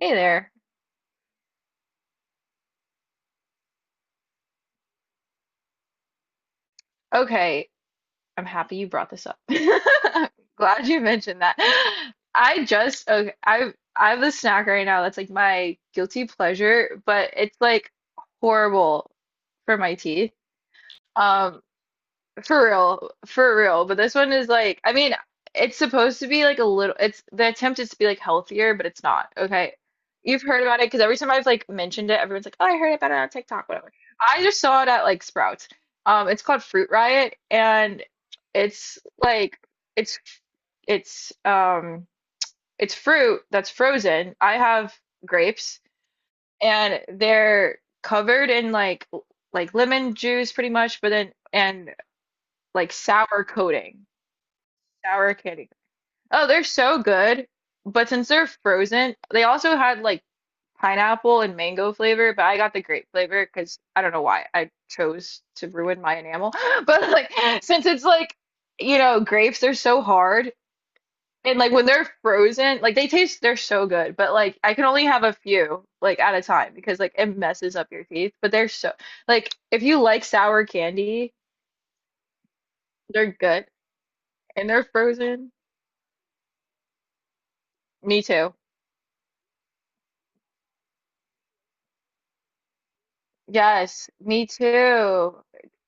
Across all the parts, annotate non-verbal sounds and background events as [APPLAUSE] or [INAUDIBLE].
Hey there. Okay, I'm happy you brought this up. [LAUGHS] Glad you mentioned that. I just okay, I have a snack right now that's like my guilty pleasure, but it's like horrible for my teeth. Um, For real, for real. But this one is like, I mean, it's supposed to be like a little, it's the attempt is to be like healthier, but it's not. Okay. You've heard about it because every time I've like mentioned it, everyone's like, oh, I heard about it on TikTok, whatever. I just saw it at like Sprouts. It's called Fruit Riot and it's like, it's, it's, um, it's fruit that's frozen. I have grapes and they're covered in like, like lemon juice pretty much, but then, and like sour coating, sour candy. Oh, they're so good. But since they're frozen, they also had like pineapple and mango flavor, but I got the grape flavor because I don't know why I chose to ruin my enamel. [LAUGHS] But like, since it's like, you know, grapes, they're so hard. And like when they're frozen, like they taste, they're so good. But like I can only have a few like at a time because like it messes up your teeth. But they're so like if you like sour candy, they're good and they're frozen. Me too. Yes, me too.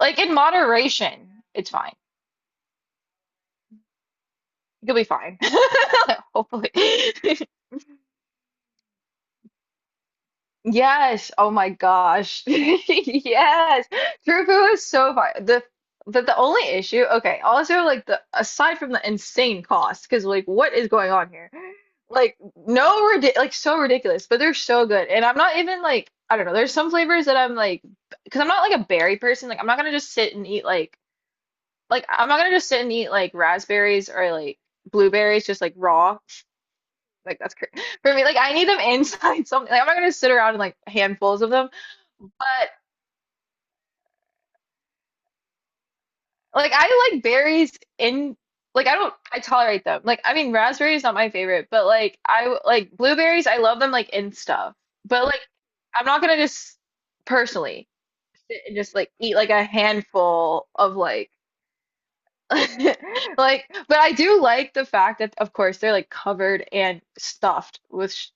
Like in moderation, it's fine. You'll be fine. [LAUGHS] Hopefully. [LAUGHS] Yes. Oh my gosh. [LAUGHS] Yes. True food is so fine. The But the only issue, okay, also like the aside from the insane cost, because like what is going on here? Like no ridic like so ridiculous, but they're so good. And I'm not even like I don't know, there's some flavors that I'm like because I'm not like a berry person, like I'm not gonna just sit and eat like I'm not gonna just sit and eat like raspberries or like blueberries just like raw. Like that's crazy [LAUGHS] for me. Like I need them [LAUGHS] inside something. Like I'm not gonna sit around and like handfuls of them. But like I like berries in like I don't I tolerate them. Like I mean raspberries not my favorite, but like I like blueberries I love them like in stuff. But like I'm not gonna just personally sit and just like eat like a handful of like [LAUGHS] Like, but I do like the fact that, of course, they're like covered and stuffed with sh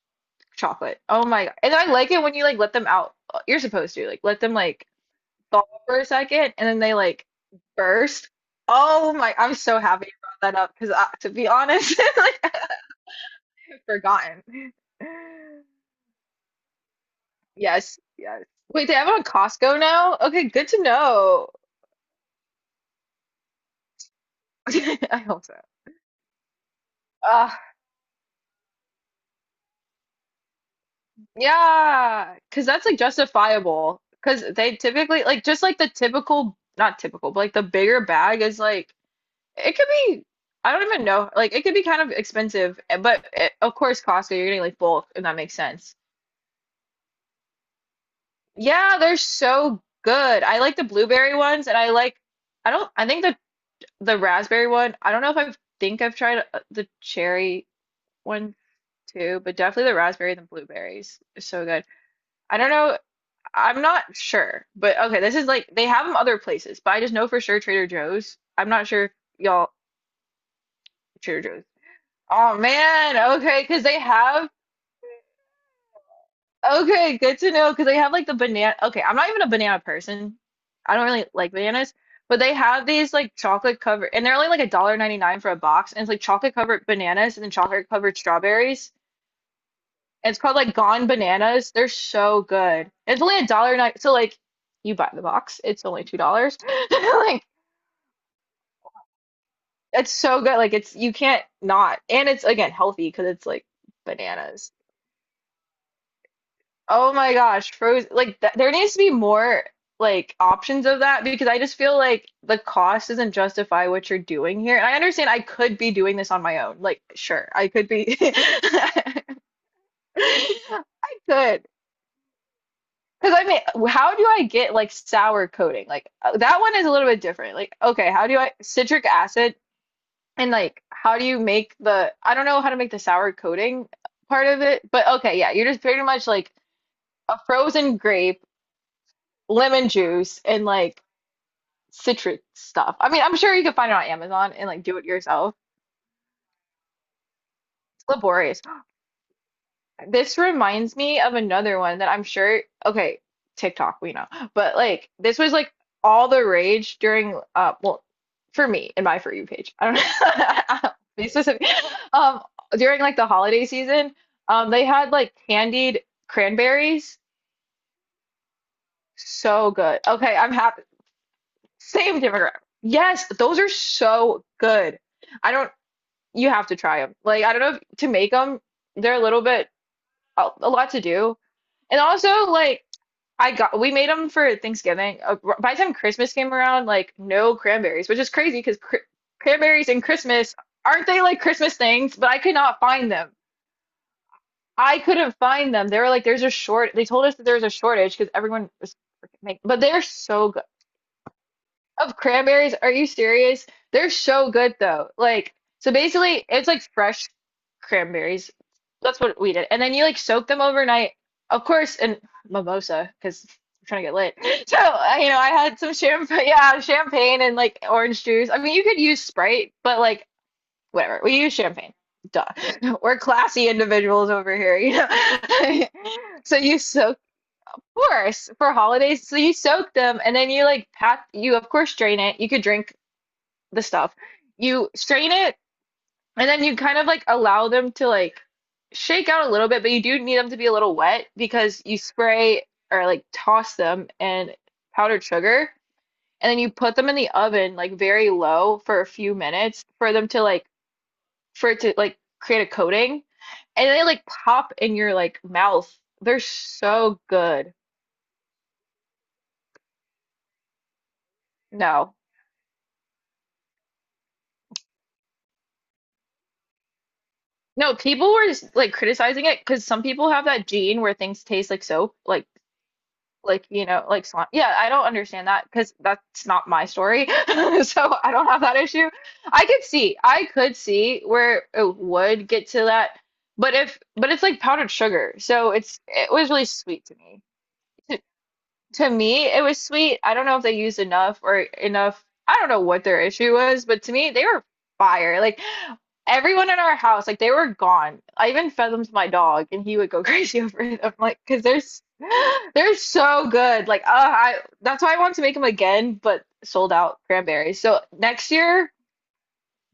chocolate. Oh my God. And I like it when you like let them out. You're supposed to like let them like thaw for a second and then they like burst. Oh my, I'm so happy you brought that up because I, to be honest, [LAUGHS] like I've forgotten. Yes, yes. Wait, they have it on Costco now? Okay, good to know. [LAUGHS] I hope so. Yeah, because that's like justifiable. Because they typically like just like the typical, not typical, but like the bigger bag is like it could be. I don't even know. Like it could be kind of expensive, eh, but it, of course Costco, you're getting like bulk, and that makes sense. Yeah, they're so good. I like the blueberry ones, and I like. I don't. I think the raspberry one. I don't know if I think I've tried the cherry one too, but definitely the raspberry and the blueberries is so good. I don't know I'm not sure, but okay, this is like they have them other places, but I just know for sure Trader Joe's. I'm not sure if y'all Trader Joe's. Oh man, okay, because they have okay, good to know because they have like the banana. Okay, I'm not even a banana person. I don't really like bananas, but they have these like chocolate covered, and they're only like a dollar ninety nine for a box, and it's like chocolate covered bananas and then chocolate covered strawberries. And it's called like Gone Bananas. They're so good. It's only a dollar nine, so like you buy the box, it's only $2. [LAUGHS] Like it's so good. Like it's you can't not. And it's again healthy because it's like bananas. Oh my gosh, frozen. Like th there needs to be more like options of that because I just feel like the cost doesn't justify what you're doing here. And I understand I could be doing this on my own. Like sure, I could be. [LAUGHS] I could. Because I mean, how do I get like sour coating? Like that one is a little bit different. Like okay, how do I citric acid? And like, how do you make the, I don't know how to make the sour coating part of it, but okay, yeah, you're just pretty much like a frozen grape, lemon juice, and like citrus stuff. I mean, I'm sure you could find it on Amazon and like do it yourself. It's laborious. This reminds me of another one that I'm sure, okay, TikTok, we know, but like this was like all the rage during well for me in my For You page. I don't know. [LAUGHS] Be specific. Um During like the holiday season, they had like candied cranberries. So good. Okay, I'm happy. Same demographic. Yes, those are so good. I don't you have to try them. Like I don't know if to make them, they're a little bit a lot to do. And also, like, I got we made them for Thanksgiving. By the time Christmas came around, like no cranberries, which is crazy because cr cranberries and Christmas aren't they like Christmas things? But I could not find them. I couldn't find them. They were like, there's a short. They told us that there was a shortage because everyone was freaking making. But they're so good. Of cranberries? Are you serious? They're so good though. Like, so basically it's like fresh cranberries. That's what we did. And then you like soak them overnight. Of course, and mimosa, because we're trying to get lit. [LAUGHS] So, I had some champagne, [LAUGHS] yeah, champagne and like orange juice. I mean, you could use Sprite, but like whatever. We use champagne. Duh. [LAUGHS] We're classy individuals over here, you know. [LAUGHS] So you soak Course, for holidays. So you soak them and then you like pack, you of course drain it. You could drink the stuff. You strain it and then you kind of like allow them to like shake out a little bit, but you do need them to be a little wet because you spray or like toss them in powdered sugar and then you put them in the oven like very low for a few minutes for them to like for it to like create a coating and they like pop in your like mouth. They're so good. No. No, people were just, like criticizing it because some people have that gene where things taste like soap, like you know, like slime. Yeah, I don't understand that because that's not my story, [LAUGHS] so I don't have that issue. I could see where it would get to that, but if but it's like powdered sugar, so it's it was really sweet to me. To, to me, it was sweet. I don't know if they used enough or enough. I don't know what their issue was, but to me, they were fire. Like everyone in our house, like they were gone. I even fed them to my dog, and he would go [LAUGHS] crazy over it. I'm like, because they're s- [GASPS] they're so good. Like, I that's why I want to make them again, but sold out cranberries. So next year,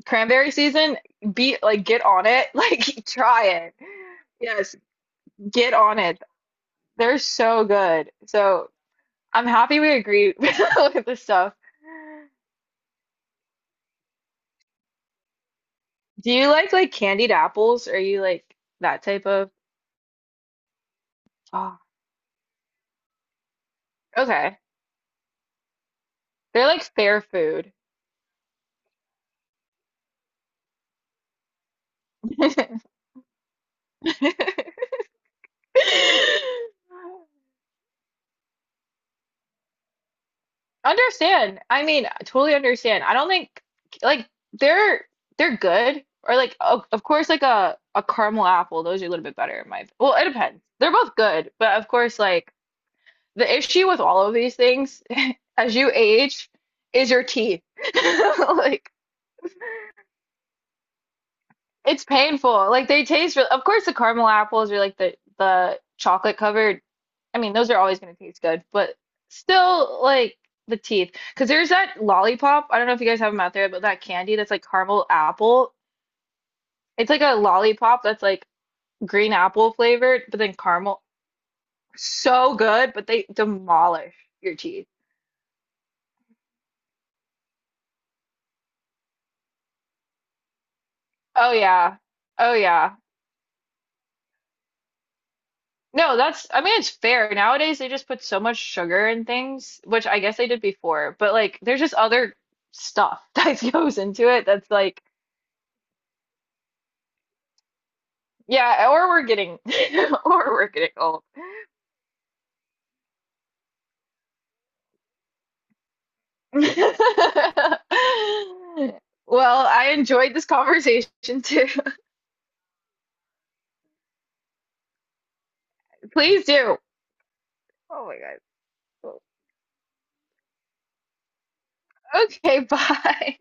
cranberry season, be like get on it, [LAUGHS] like try it. Yes, get on it. They're so good. So I'm happy we agree [LAUGHS] with this stuff. Do you like candied apples? Are you like that type of? Oh, okay. They're like fair food. [LAUGHS] Understand. I mean, totally understand. I don't think like they're they're good or like o of course like a caramel apple, those are a little bit better in my well, it depends. They're both good, but of course like the issue with all of these things as you age is your teeth. [LAUGHS] Like it's painful. Like they taste real of course the caramel apples or like the chocolate covered. I mean, those are always going to taste good, but still like the teeth. Because there's that lollipop. I don't know if you guys have them out there, but that candy that's like caramel apple. It's like a lollipop that's like green apple flavored, but then caramel. So good, but they demolish your teeth. Oh yeah. Oh yeah. No, that's, I mean, it's fair. Nowadays, they just put so much sugar in things, which I guess they did before, but like, there's just other stuff [LAUGHS] that goes into it that's like, yeah, or we're getting, [LAUGHS] or we're getting old. [LAUGHS] Well, I enjoyed this conversation too. [LAUGHS] Please do. Oh my God. Okay, [LAUGHS] bye.